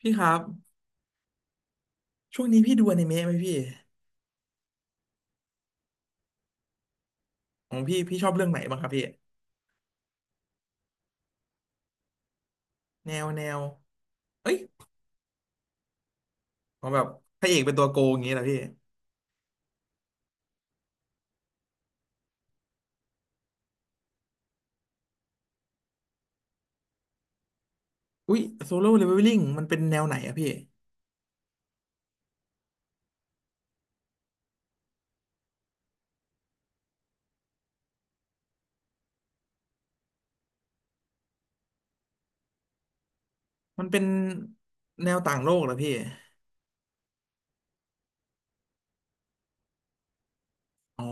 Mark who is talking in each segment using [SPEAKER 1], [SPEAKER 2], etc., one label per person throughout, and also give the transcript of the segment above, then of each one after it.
[SPEAKER 1] พี่ครับช่วงนี้พี่ดูอนิเมะไหมพี่ของพี่ชอบเรื่องไหนบ้างครับพี่แนวเอ้ยของแบบพระเอกเป็นตัวโกงอย่างงี้เหรอพี่อุ้ยโซโล่เลเวลลิ่งมันเป็นแนวไหนอะพี่มันเป็นแนวต่างโลกเหรอพี่อ๋อ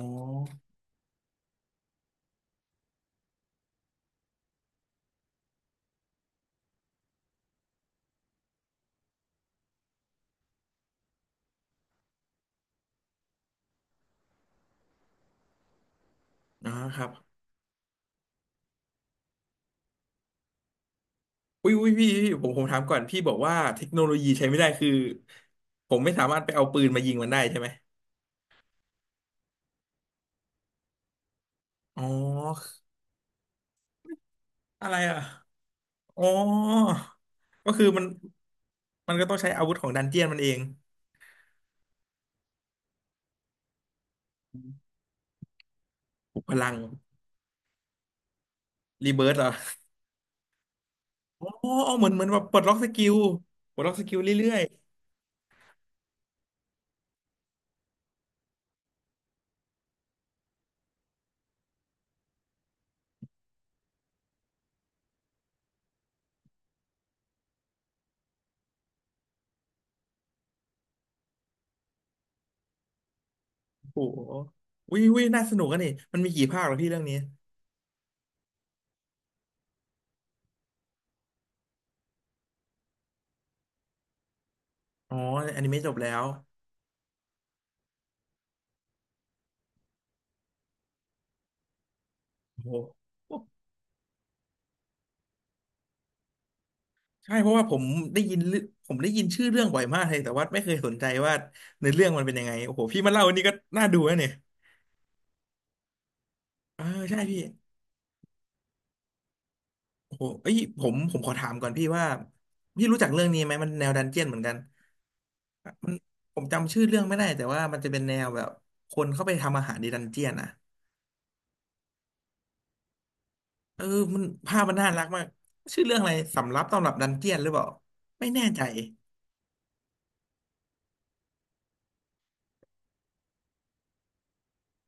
[SPEAKER 1] นะครับอุ้ยพี่ผมถามก่อนพี่บอกว่าเทคโนโลยีใช้ไม่ได้คือผมไม่สามารถไปเอาปืนมายิงมันได้ใช่ไหมอ๋ออะไรอ่ะอ๋อก็คือมันมันก็ต้องใช้อาวุธของดันเจียนมันเองปลุกพลัง รีเบิร์สเหรออ๋อเหมือนแบบปลดล็อกสกิลปลดล็อกสกิลเรื่อยๆโอ้โหน่าสนุกกันนี่มันมีกี่ภาคเหรอพี่เรื่องนี้อ๋ออนิเมะจบแล้วโอ้โหใช่เพราะว่าผมได้ยินเรื่องผมได้ยินชื่อเรื่องบ่อยมากเลยแต่ว่าไม่เคยสนใจว่าเนื้อเรื่องมันเป็นยังไงโอ้โหพี่มาเล่าอันนี้ก็น่าดูนะเนี่ยเออใช่พี่โอ้โหเอ้ยผมขอถามก่อนพี่ว่าพี่รู้จักเรื่องนี้ไหมมันแนวดันเจียนเหมือนกันมันผมจำชื่อเรื่องไม่ได้แต่ว่ามันจะเป็นแนวแบบคนเข้าไปทำอาหารในดันเจียนอะ เออมันภาพมันน่ารักมากชื่อเรื่องอะไรสำรับตำรับดันเจียนหรือเปล่าไม่แน่ใจ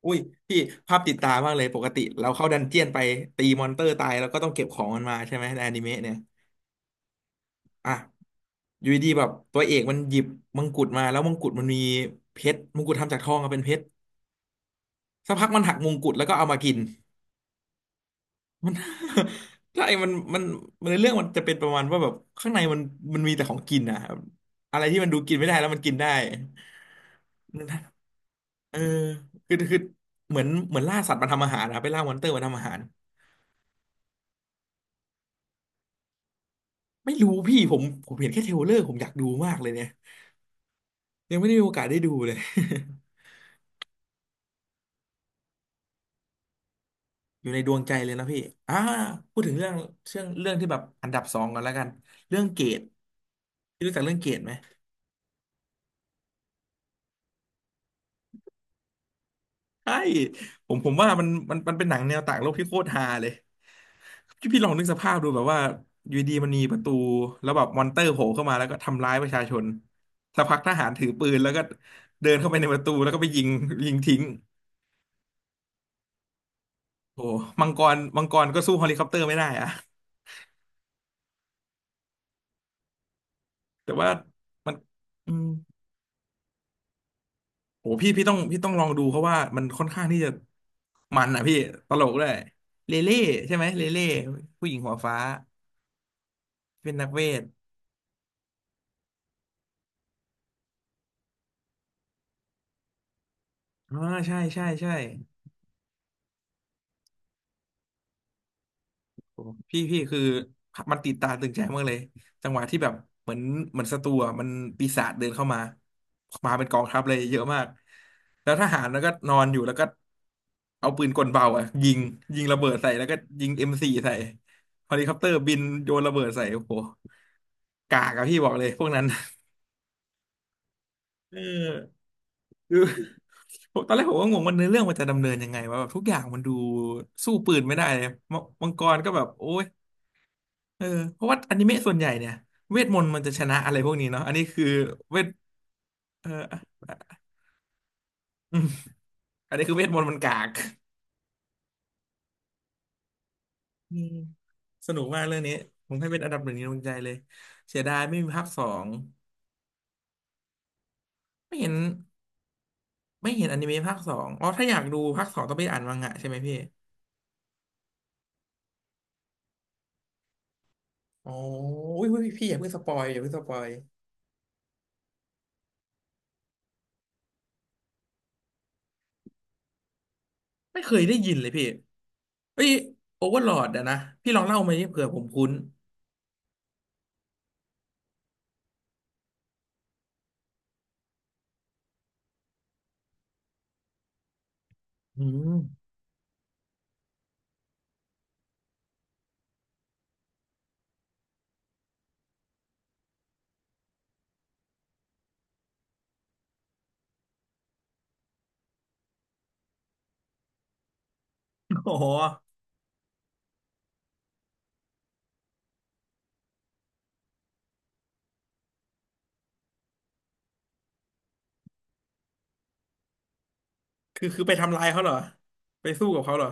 [SPEAKER 1] อุ้ยพี่ภาพติดตามากเลยปกติเราเข้าดันเจียนไปตีมอนเตอร์ตายแล้วก็ต้องเก็บของมันมาใช่ไหมในอนิเมะเนี่ยอ่ะอยู่ดีๆแบบตัวเอกมันหยิบมงกุฎมาแล้วมงกุฎมันมีเพชรมงกุฎทำจากทองอะเป็นเพชรสักพักมันหักมงกุฎแล้วก็เอามากินมัน ใช่มันมันในเรื่องมันจะเป็นประมาณว่าแบบข้างในมันมันมีแต่ของกินนะอะไรที่มันดูกินไม่ได้แล้วมันกินได้ เออคือเหมือนล่าสัตว์มาทำอาหารนะไปล่ามอนเตอร์มาทำอาหารไม่รู้พี่ผมเห็นแค่เทรลเลอร์ผมอยากดูมากเลยเนี่ยยังไม่ได้มีโอกาสได้ดูเลย อยู่ในดวงใจเลยนะพี่อ่าพูดถึงเรื่องเรื่องที่แบบอันดับสองก่อนแล้วกันเรื่องเกตพี่รู้จักเรื่องเกตไหมใช่ผมว่ามันเป็นหนังแนวต่างโลกที่โคตรฮาเลย พี่ลองนึกสภาพดูแบบว่าอยู่ดีมันมีประตูแล้วแบบมอนเตอร์โผล่เข้ามาแล้วก็ทำร้ายประชาชนสักพักทหารถือปืนแล้วก็เดินเข้าไปในประตูแล้วก็ไปยิงยิงทิ้งโอ้โหมังกรมังกรก็สู้เฮลิคอปเตอร์ไม่ได้อะ แต่ว่ามันอืมโอ้พี่พี่ต้องลองดูเพราะว่ามันค่อนข้างที่จะมันอ่ะพี่ตลกด้วยเลเล่ใช่ไหมเลเล่ผู้หญิงหัวฟ้าเป็นนักเวทอ่าใช่ใช่ใช่ พี่คือมันติดตาตึงใจมากเลยจังหวะที่แบบเหมือนศัตรูอะมันปีศาจเดินเข้ามามาเป็นกองทัพเลยเยอะมากแล้วทหารแล้วก็นอนอยู่แล้วก็เอาปืนกลเบาอ่ะยิงยิงระเบิดใส่แล้วก็ยิงเอ็มสี่ใส่เฮลิคอปเตอร์บินโยนระเบิดใส่โอ้โหกากอะพี่บอกเลยพวกนั้นเออคือผมตอนแรกก็งงว่าเนื้อเรื่องมันจะดำเนินยังไงว่าแบบทุกอย่างมันดูสู้ปืนไม่ได้เลยมมังกรก็แบบโอ้ย เออเพราะว่าอนิเมะส่วนใหญ่เนี่ยเวทมนต์มันจะชนะอะไรพวกนี้เนาะอันนี้คือเวทเอออืมอันนี้คือเวทมนต์มันกากอืมสนุกมากเรื่องนี้ผมให้เป็นอันดับหนึ่งในดวงใจเลยเสียดายไม่มีภาคสองไม่เห็นไม่เห็นอนิเมะภาคสองอ๋อถ้าอยากดูภาคสองต้องไปอ่านมังงะใช่ไหมพี่อ๋ออุ้ยอุ๊พี่อย่าเพิ่งสปอยไม่เคยได้ยินเลยพี่เอ้ยโอเวอร์ลอดอะนะพี่ลองเล่ามาดิเผื่อผมคุ้นอืม อ๋อคือไปทำลายเขาเหรอไปสู้กับเขาเหรอ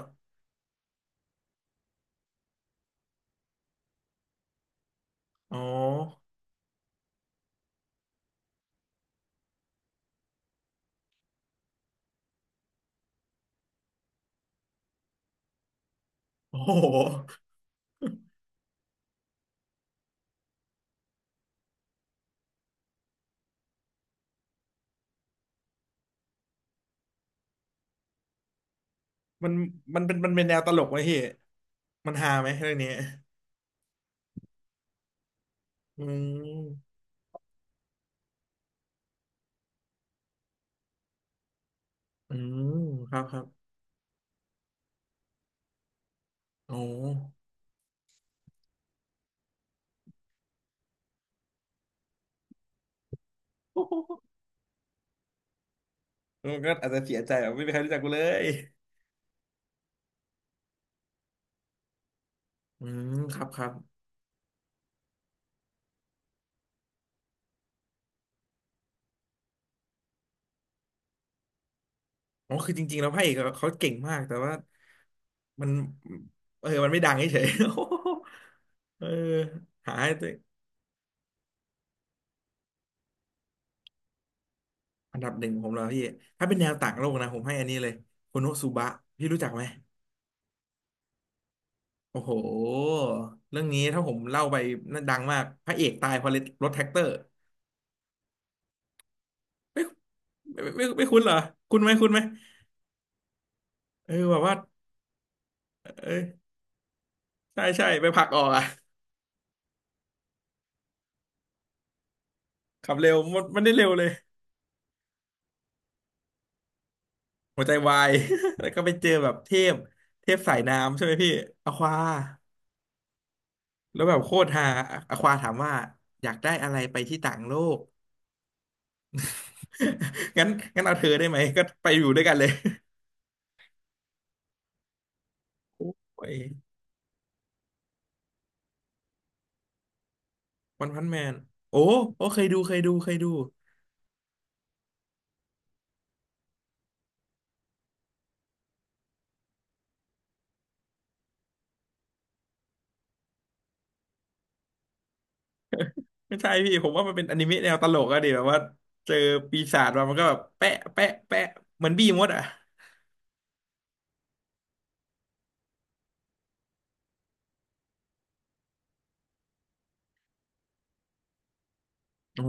[SPEAKER 1] อ๋อโอ้โหมันมันเป็นแนวตลกไหมพี่มันฮาไหมเรื่องนี้อืมอืมครับครับโอ้โหมันก็อาจจะเสียใจแบบไม่มีใครรู้จักกูเลยอืมครับครับอ๋อคือจริงๆแล้วพระเอกอะเขาเก่งมากแต่ว่ามันเออมันไม่ดังเฉยๆ เออหาให้ตัวเองอันดับหนึ่งของผมแล้วพี่ถ้าเป็นแนวต่างโลกนะผมให้อันนี้เลยโคโนสุบะพี่รู้จักไหม โอ้โห เรื่องนี้ถ้าผมเล่าไปน่าดังมากพระเอกตายเพราะรถแท็กเตอร์ไม่ไม่คุ้นเหรอคุณไหมคุ้นไหมเออแบบว่าเออใช่ใช่ไปผลักออกอ่ะขับเร็วมันได้เร็วเลยหัวใจวาย แล้วก็ไปเจอแบบเทพเทพสายน้ำใช่ไหมพี่อควาแล้วแบบโคตรฮาอควาถามว่าอยากได้อะไรไปที่ต่างโลก งั้นงั้นเอาเธอได้ไหมก็ไปอยู่ด้วยกันเลย โอ้ยวันพันแมนโอ้เคยดูไม่ใช่พี่ผมว่ามันเป็นอนิเมะแนวตลกอะดิแบบว่าเจอปีศาจมามันก็แบบแปะแปะเหมือนบี้มดอะอ๋อ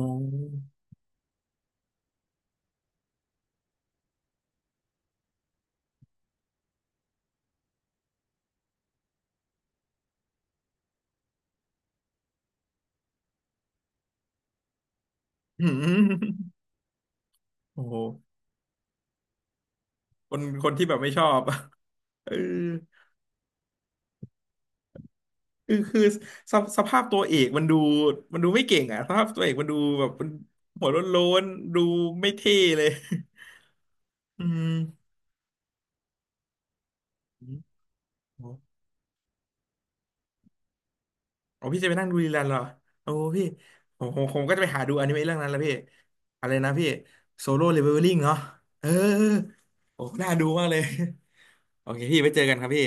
[SPEAKER 1] หืมโอ้โหคนที่แบบไม่ชอบ เออคือสภาพตัวเอกมันดูมันดูไม่เก่งอะสภาพตัวเอกมันดูแบบมันหัวโล้นๆดูไม่เท่เลย อืม อ๋อพี่จะไปนั่งดูรีรันเหรอโอ้พี่ผมก็จะไปหาดูอนิเมะเรื่องนั้นแล้วพี่อะไรนะพี่โซโล่เลเวลลิ่งเนาะเออเออโอ้น่าดูมากเลยโอเคพี่ไปเจอกันครับพี่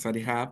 [SPEAKER 1] สวัสดีครับ